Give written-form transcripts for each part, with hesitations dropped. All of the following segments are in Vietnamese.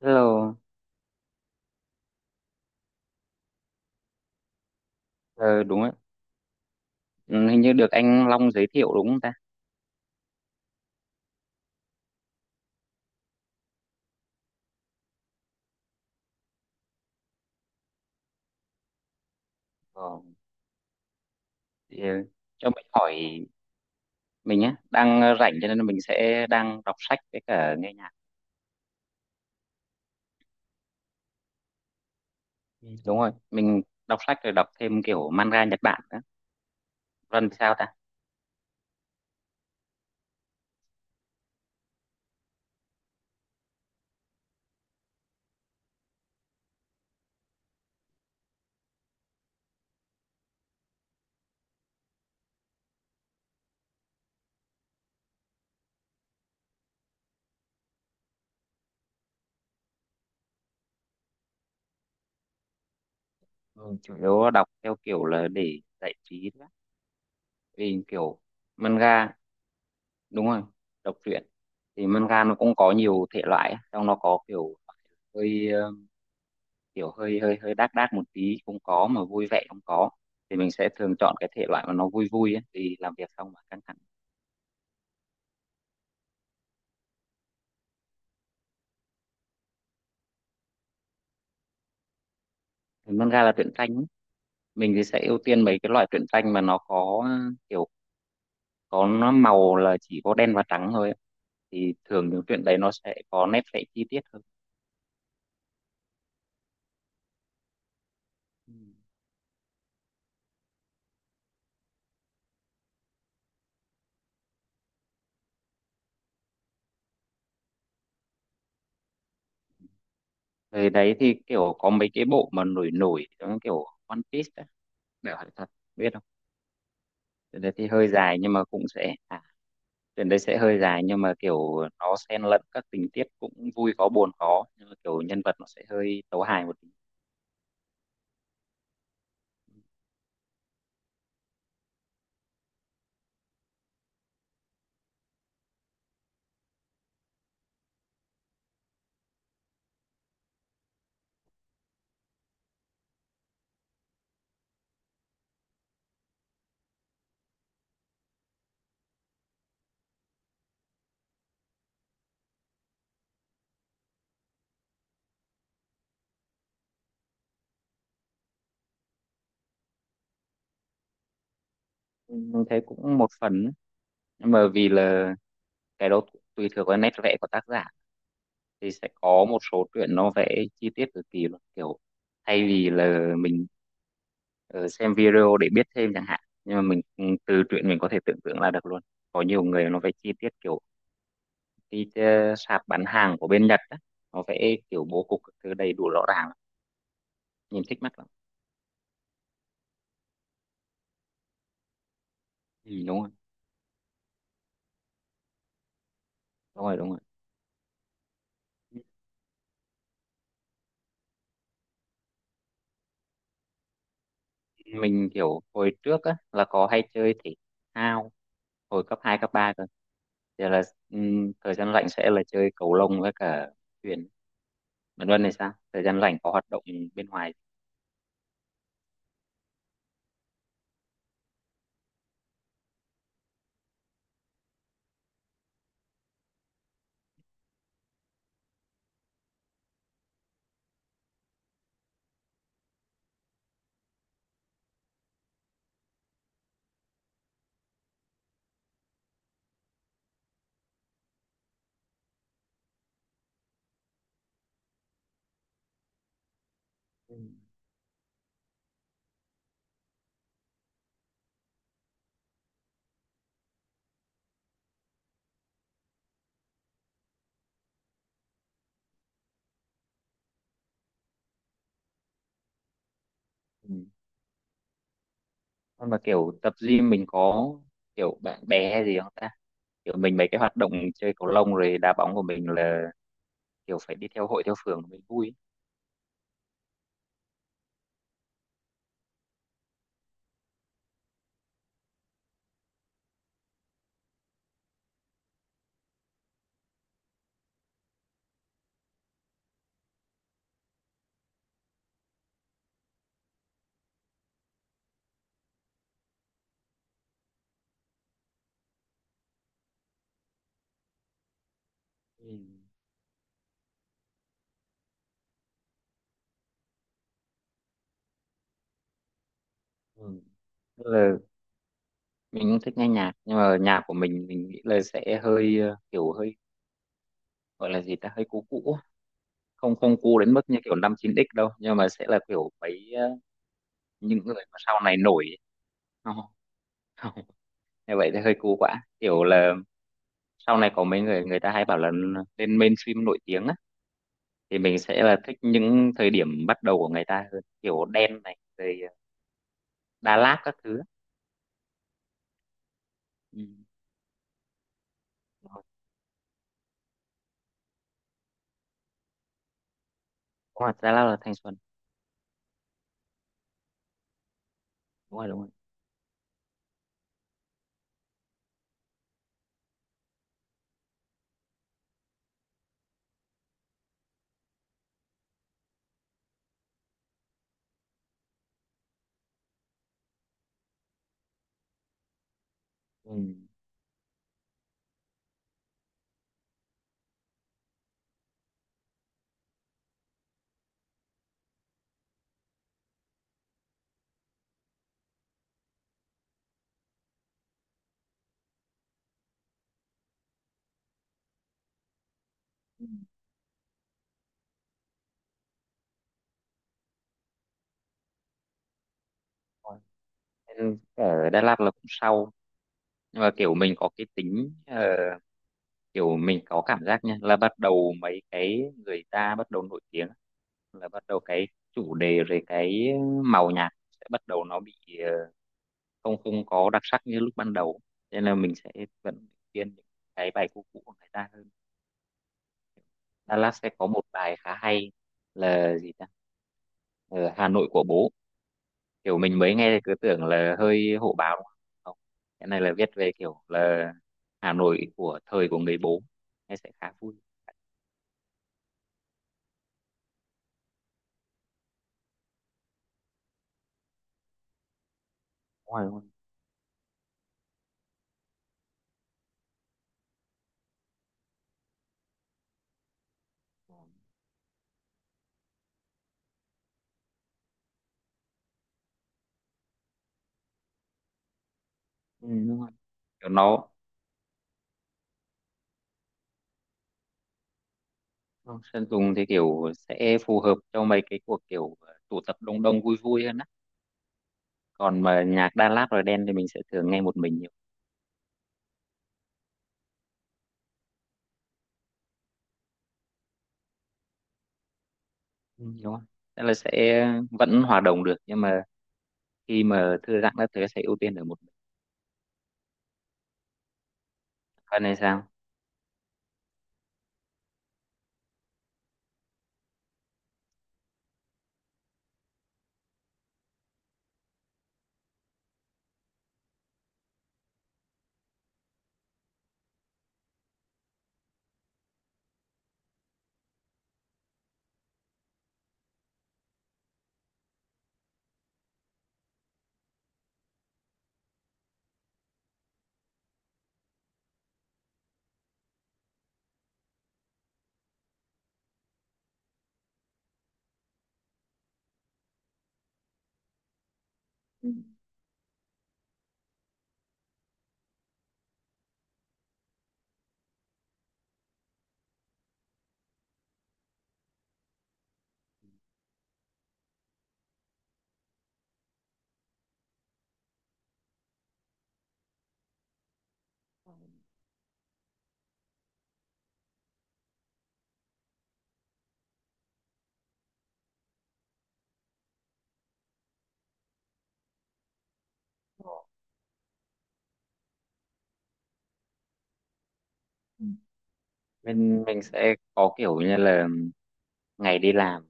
Hello. Ờ, Đúng ạ. Ừ, hình như được anh Long giới thiệu đúng không ta? Ờ, thì, cho mình hỏi mình nhé, đang rảnh cho nên mình sẽ đang đọc sách với cả nghe nhạc. Ừ. Đúng rồi, mình đọc sách rồi đọc thêm kiểu manga Nhật Bản nữa. Vân thì sao ta? Ừ, chủ yếu đọc theo kiểu là để giải trí thôi á. Vì kiểu manga, đúng rồi, đọc truyện. Thì manga nó cũng có nhiều thể loại á, trong nó có kiểu hơi kiểu hơi hơi hơi đác đác một tí không có mà vui vẻ không có, thì mình sẽ thường chọn cái thể loại mà nó vui vui ấy, vì làm việc xong mà căng thẳng. Thì nôm ra là truyện tranh ấy. Mình thì sẽ ưu tiên mấy cái loại truyện tranh mà nó có kiểu có nó màu là chỉ có đen và trắng thôi ấy. Thì thường những truyện đấy nó sẽ có nét vẽ chi tiết hơn. Ừ. Về đấy thì kiểu có mấy cái bộ mà nổi nổi giống kiểu One Piece á, để hỏi thật, biết không? Cái đấy thì hơi dài nhưng mà cũng sẽ, à, tuyển đấy sẽ hơi dài nhưng mà kiểu nó xen lẫn các tình tiết cũng vui có buồn có, nhưng mà kiểu nhân vật nó sẽ hơi tấu hài một tí. Mình thấy cũng một phần ấy. Nhưng mà vì là cái đó tùy thuộc vào nét vẽ của tác giả, thì sẽ có một số truyện nó vẽ chi tiết cực kỳ luôn, kiểu thay vì là mình ờ, xem video để biết thêm chẳng hạn, nhưng mà mình từ truyện mình có thể tưởng tượng ra được luôn. Có nhiều người nó vẽ chi tiết kiểu cái sạp bán hàng của bên Nhật á, nó vẽ kiểu bố cục các thứ đầy đủ rõ ràng, nhìn thích mắt lắm. Ừ, đúng rồi, đúng rồi, đúng rồi. Mình kiểu hồi trước á là có hay chơi thể thao hồi cấp 2 cấp 3 cơ, giờ là thời gian rảnh sẽ là chơi cầu lông với cả thuyền. Bạn Luân này sao, thời gian rảnh có hoạt động bên ngoài? Ừ. Ừ. Còn mà kiểu tập gym mình có kiểu bạn bè hay gì không ta, kiểu mình mấy cái hoạt động chơi cầu lông rồi đá bóng của mình là kiểu phải đi theo hội theo phường mới vui. Ừ. Ừ. Mình cũng thích nghe nhạc nhưng mà nhạc của mình nghĩ là sẽ hơi kiểu hơi, gọi là gì ta, hơi cũ cũ. Không không cũ đến mức như kiểu năm 9X đâu, nhưng mà sẽ là kiểu mấy những người mà sau này nổi ấy. Không, không. Như vậy thì hơi cũ quá, kiểu là sau này có mấy người người ta hay bảo là lên mainstream nổi tiếng á, thì mình sẽ là thích những thời điểm bắt đầu của người ta hơn, kiểu Đen này rồi Đà Lạt các thứ á. Ừ. Đúng rồi, Đà Lạt là Thanh Xuân. Đúng rồi, đúng rồi. Ừ. Ừ. Đúng rồi. Nên ở Đà Lạt là cũng sau. Nhưng mà kiểu mình có cái tính kiểu mình có cảm giác nha, là bắt đầu mấy cái người ta bắt đầu nổi tiếng là bắt đầu cái chủ đề rồi cái màu nhạc sẽ bắt đầu nó bị ờ, không không có đặc sắc như lúc ban đầu, nên là mình sẽ vẫn khuyên những cái bài cũ cũ của người ta hơn. Dallas sẽ có một bài khá hay, là gì ta, Ờ, Hà Nội Của Bố, kiểu mình mới nghe thì cứ tưởng là hơi hổ báo đúng không. Không, cái này là viết về kiểu là Hà Nội của thời của người bố, nghe sẽ khá vui. Đúng rồi, đúng rồi. Ừ, đúng rồi. Kiểu nó, vâng, Sơn Tùng thì kiểu sẽ phù hợp cho mấy cái cuộc kiểu tụ tập đông đông vui vui hơn á, còn mà nhạc Đà Lạt rồi Đen thì mình sẽ thường nghe một mình nhiều. Ừ, đúng không? Tức là sẽ vẫn hòa đồng được, nhưng mà khi mà thư giãn các thứ sẽ ưu tiên ở một mình. Còn này sao? Ừ. Ừ. Mình sẽ có kiểu như là ngày đi làm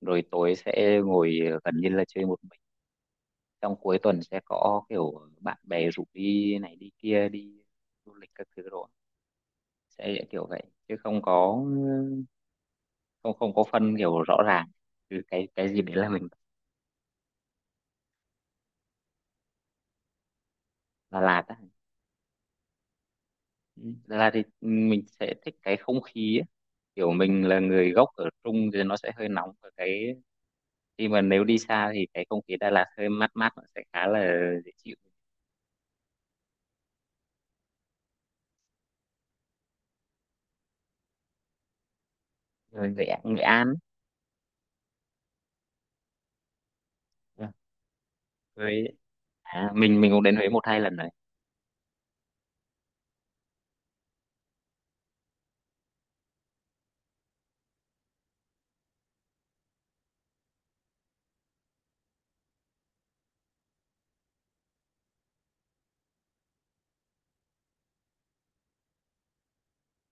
rồi tối sẽ ngồi gần như là chơi một mình, trong cuối tuần sẽ có kiểu bạn bè rủ đi này đi kia, đi du lịch các thứ rồi, sẽ kiểu vậy, chứ không có, không không có phân kiểu rõ ràng từ cái gì đấy là mình. Đà Lạt á? Ừ, Đà Lạt thì mình sẽ thích cái không khí á. Kiểu mình là người gốc ở Trung thì nó sẽ hơi nóng, và cái khi mà nếu đi xa thì cái không khí Đà Lạt hơi mát mát, nó sẽ khá là dễ chịu. Rồi Nghệ Nghệ An ấy. Với mình cũng đến Huế một hai lần rồi.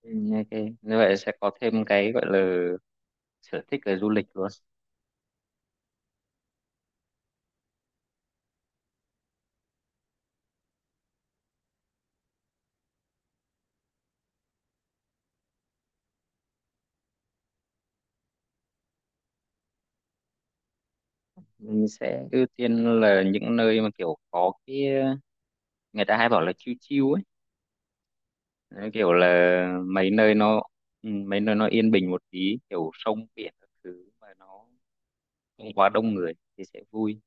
Ừ, ok, như vậy sẽ có thêm cái gọi là sở thích về du lịch luôn. Mình sẽ ưu tiên là những nơi mà kiểu có cái người ta hay bảo là chill chill ấy. Đấy, kiểu là mấy nơi nó mấy nơi nó yên bình một tí, kiểu sông biển các thứ mà nó không quá đông người thì sẽ vui.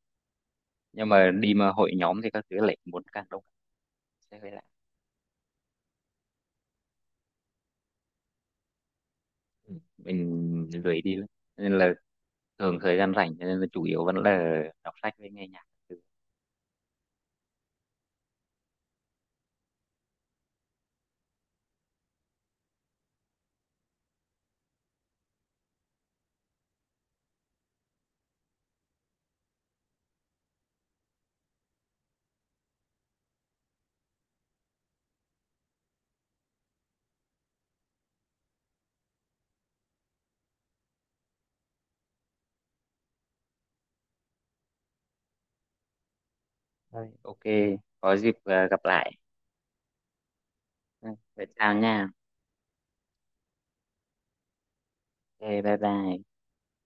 Nhưng mà đi mà hội nhóm thì các thứ lại muốn càng đông, sẽ hơi lạ. Ừ, mình lười đi lắm. Cho nên là thường thời gian rảnh, cho nên là chủ yếu vẫn là đọc sách với nghe nhạc, các thứ. Thôi, ok, có dịp gặp lại. Ừ, vậy chào nha. Ok, bye bye.